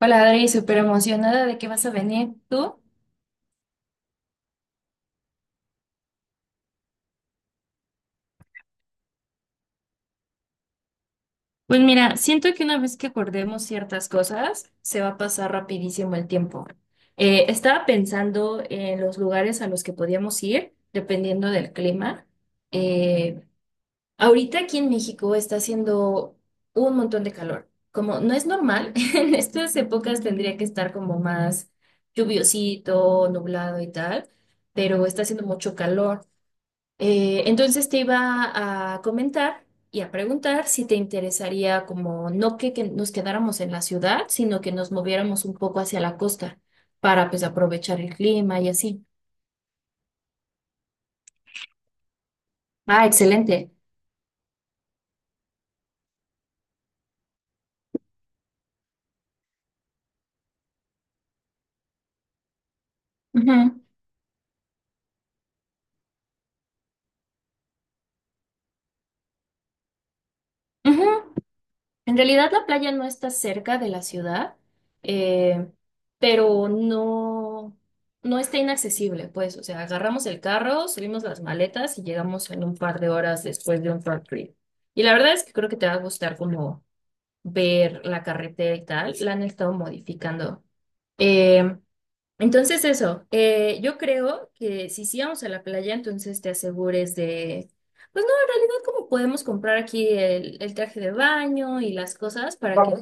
Hola Adri, súper emocionada de que vas a venir tú. Pues mira, siento que una vez que acordemos ciertas cosas, se va a pasar rapidísimo el tiempo. Estaba pensando en los lugares a los que podíamos ir, dependiendo del clima. Eh, Ahorita aquí en México está haciendo un montón de calor. Como no es normal, en estas épocas tendría que estar como más lluviosito, nublado y tal, pero está haciendo mucho calor. Entonces te iba a comentar y a preguntar si te interesaría como no que nos quedáramos en la ciudad, sino que nos moviéramos un poco hacia la costa para pues aprovechar el clima y así. Ah, excelente. Ujú, ujú. En realidad la playa no está cerca de la ciudad, eh, pero no, no está inaccesible, pues, o sea, agarramos el carro, subimos las maletas y llegamos en un par de horas después de un road trip. Y la verdad es que creo que te va a gustar como ver la carretera y tal, la han estado modificando. Eh, entonces yo creo que si sí vamos a la playa, entonces te asegures de, pues no, en realidad como podemos comprar aquí el traje de baño y las cosas para que vamos.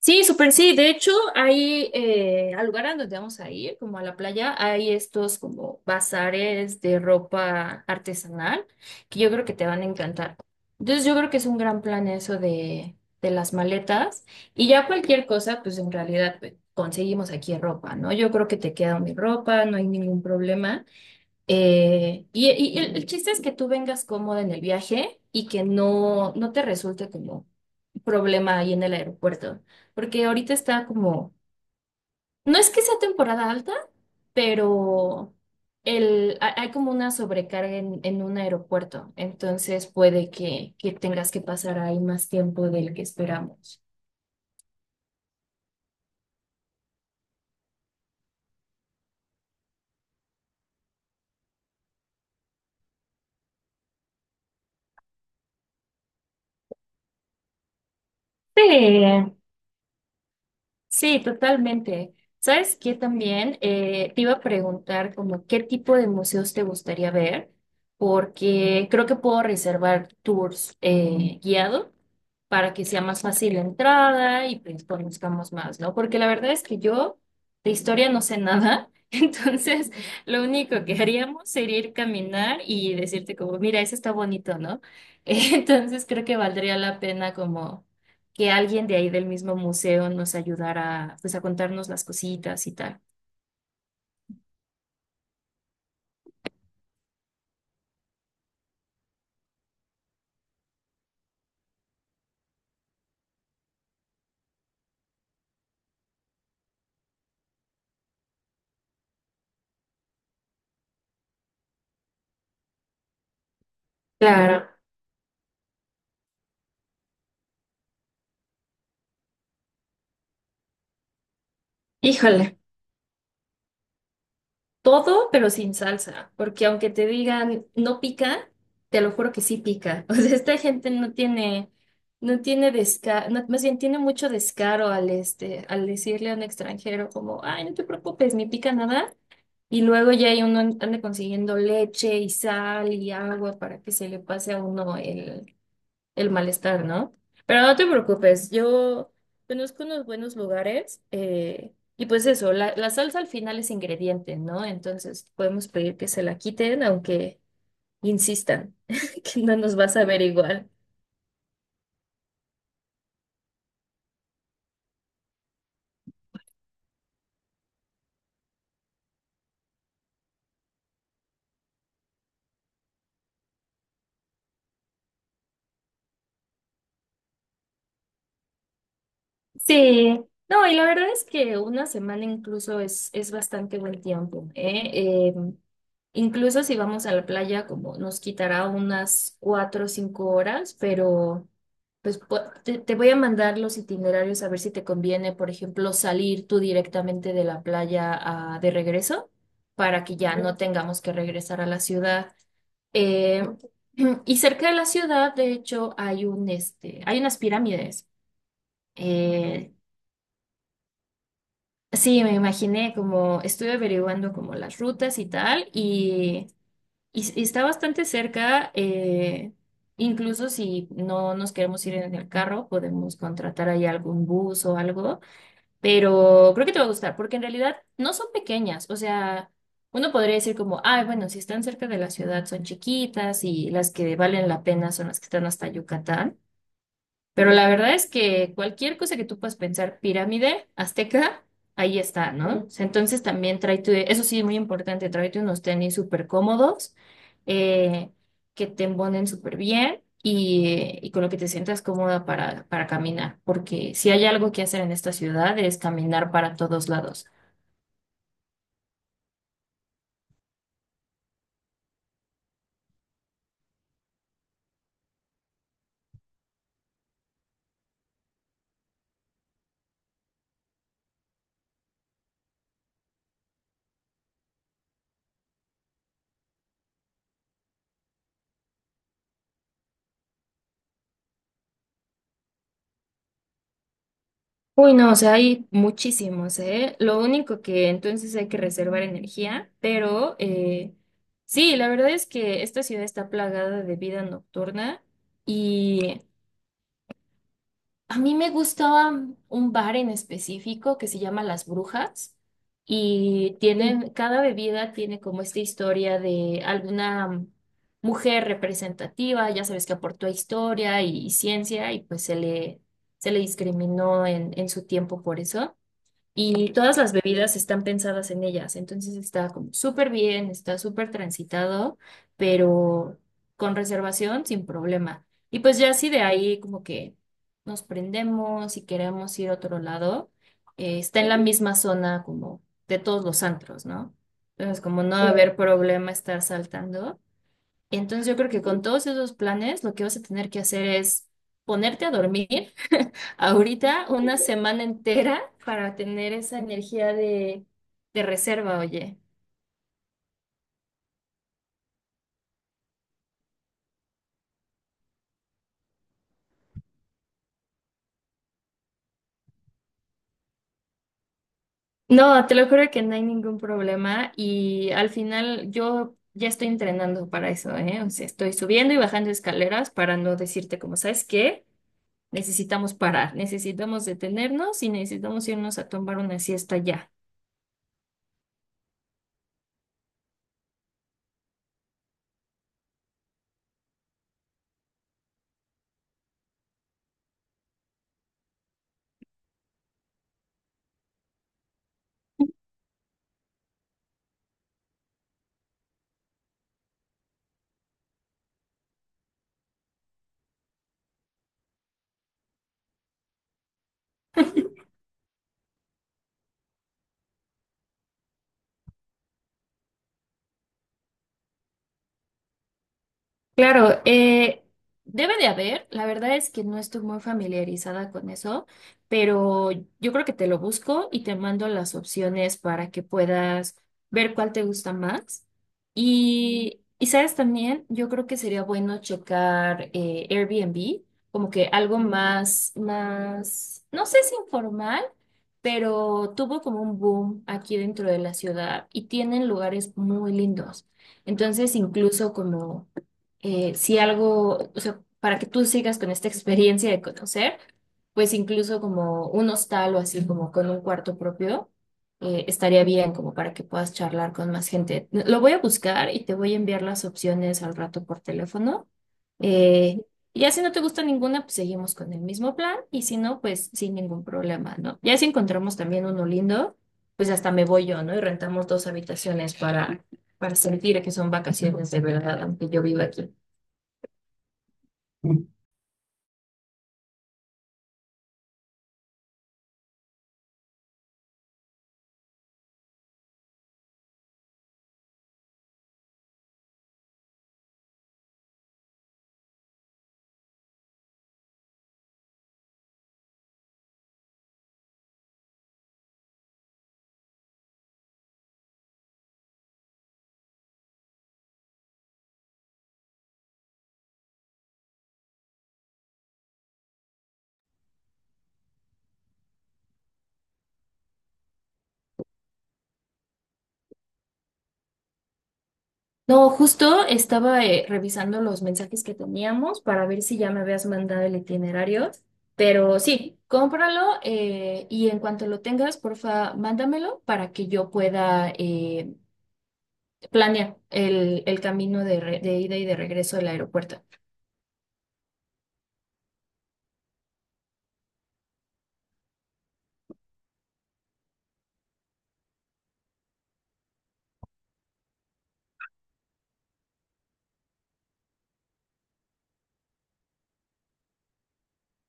Sí, súper sí. De hecho, hay al lugar a donde vamos a ir, como a la playa, hay estos como bazares de ropa artesanal que yo creo que te van a encantar. Entonces, yo creo que es un gran plan eso de las maletas y ya cualquier cosa, pues en realidad pues, conseguimos aquí ropa, ¿no? Yo creo que te queda mi ropa, no hay ningún problema. Y el chiste es que tú vengas cómoda en el viaje y que no te resulte como problema ahí en el aeropuerto, porque ahorita está como, no es que sea temporada alta, pero hay como una sobrecarga en un aeropuerto, entonces puede que tengas que pasar ahí más tiempo del que esperamos. Sí. Sí, totalmente. ¿Sabes qué también? Te iba a preguntar como qué tipo de museos te gustaría ver, porque creo que puedo reservar tours guiado para que sea más fácil la entrada y pues conozcamos más, ¿no? Porque la verdad es que yo de historia no sé nada, entonces lo único que haríamos sería ir caminar y decirte como, mira, eso está bonito, ¿no? Entonces creo que valdría la pena como que alguien de ahí del mismo museo nos ayudara pues a contarnos las cositas y tal. Claro, híjole, todo, pero sin salsa, porque aunque te digan no pica, te lo juro que sí pica. O sea, esta gente no tiene, no tiene descaro, más bien tiene mucho descaro al decirle a un extranjero como, ay, no te preocupes, ni pica nada. Y luego ya hay uno anda consiguiendo leche y sal y agua para que se le pase a uno el malestar, ¿no? Pero no te preocupes, yo conozco unos buenos lugares y pues eso, la salsa al final es ingrediente, ¿no? Entonces podemos pedir que se la quiten, aunque insistan que no nos vas a ver igual. Sí, no, y la verdad es que una semana incluso es bastante buen tiempo, ¿eh? Eh, Incluso si vamos a la playa, como nos quitará unas cuatro o cinco horas, pero pues te voy a mandar los itinerarios a ver si te conviene, por ejemplo, salir tú directamente de la playa de regreso para que ya no tengamos que regresar a la ciudad. Eh, y cerca de la ciudad, de hecho, hay unas pirámides. Eh, Sí, me imaginé como estuve averiguando como las rutas y tal, y está bastante cerca, incluso si no nos queremos ir en el carro, podemos contratar ahí algún bus o algo, pero creo que te va a gustar, porque en realidad no son pequeñas, o sea, uno podría decir como, ay, bueno, si están cerca de la ciudad son chiquitas y las que valen la pena son las que están hasta Yucatán. Pero la verdad es que cualquier cosa que tú puedas pensar, pirámide, azteca, ahí está, ¿no? O sea, entonces también tráete, eso sí, muy importante, tráete unos tenis súper cómodos, eh, que te embonen súper bien y con lo que te sientas cómoda para caminar, porque si hay algo que hacer en esta ciudad es caminar para todos lados. Uy, no, o sea, hay muchísimos, ¿eh? Lo único que entonces hay que reservar energía, pero sí, la verdad es que esta ciudad está plagada de vida nocturna y a mí me gustaba un bar en específico que se llama Las Brujas y, sí, tienen, cada bebida tiene como esta historia de alguna mujer representativa, ya sabes que aportó historia y, ciencia y pues se le discriminó en su tiempo por eso. Y todas las bebidas están pensadas en ellas, entonces está como súper bien, está súper transitado, pero con reservación sin problema. Y pues ya así de ahí como que nos prendemos y queremos ir a otro lado, está en la misma zona como de todos los antros, ¿no? Entonces como no va a, sí, haber problema estar saltando. Entonces yo creo que con todos esos planes lo que vas a tener que hacer es ponerte a dormir ahorita una semana entera para tener esa energía de reserva, oye. No, te lo juro que no hay ningún problema y al final yo ya estoy entrenando para eso, ¿eh? O sea, estoy subiendo y bajando escaleras para no decirte como, ¿sabes qué? Necesitamos parar, necesitamos detenernos y necesitamos irnos a tomar una siesta ya. Claro, debe de haber, la verdad es que no estoy muy familiarizada con eso, pero yo creo que te lo busco y te mando las opciones para que puedas ver cuál te gusta más. Y sabes también, yo creo que sería bueno checar Airbnb, como que algo más, no sé si informal, pero tuvo como un boom aquí dentro de la ciudad y tienen lugares muy lindos. Entonces, incluso como si algo, o sea, para que tú sigas con esta experiencia de conocer, pues incluso como un hostal o así como con un cuarto propio, estaría bien como para que puedas charlar con más gente. Lo voy a buscar y te voy a enviar las opciones al rato por teléfono. Eh, y ya si no te gusta ninguna, pues seguimos con el mismo plan y si no, pues sin ningún problema, ¿no? Ya si encontramos también uno lindo, pues hasta me voy yo, ¿no? Y rentamos dos habitaciones para sentir que son vacaciones de verdad, aunque yo viva aquí. No, justo estaba revisando los mensajes que teníamos para ver si ya me habías mandado el itinerario, pero sí, cómpralo y en cuanto lo tengas, porfa, mándamelo para que yo pueda planear el camino de ida y de regreso del aeropuerto.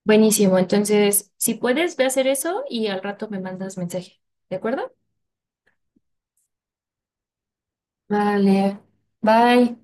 Buenísimo, entonces, si puedes, ve a hacer eso y al rato me mandas mensaje, ¿de acuerdo? Vale, bye.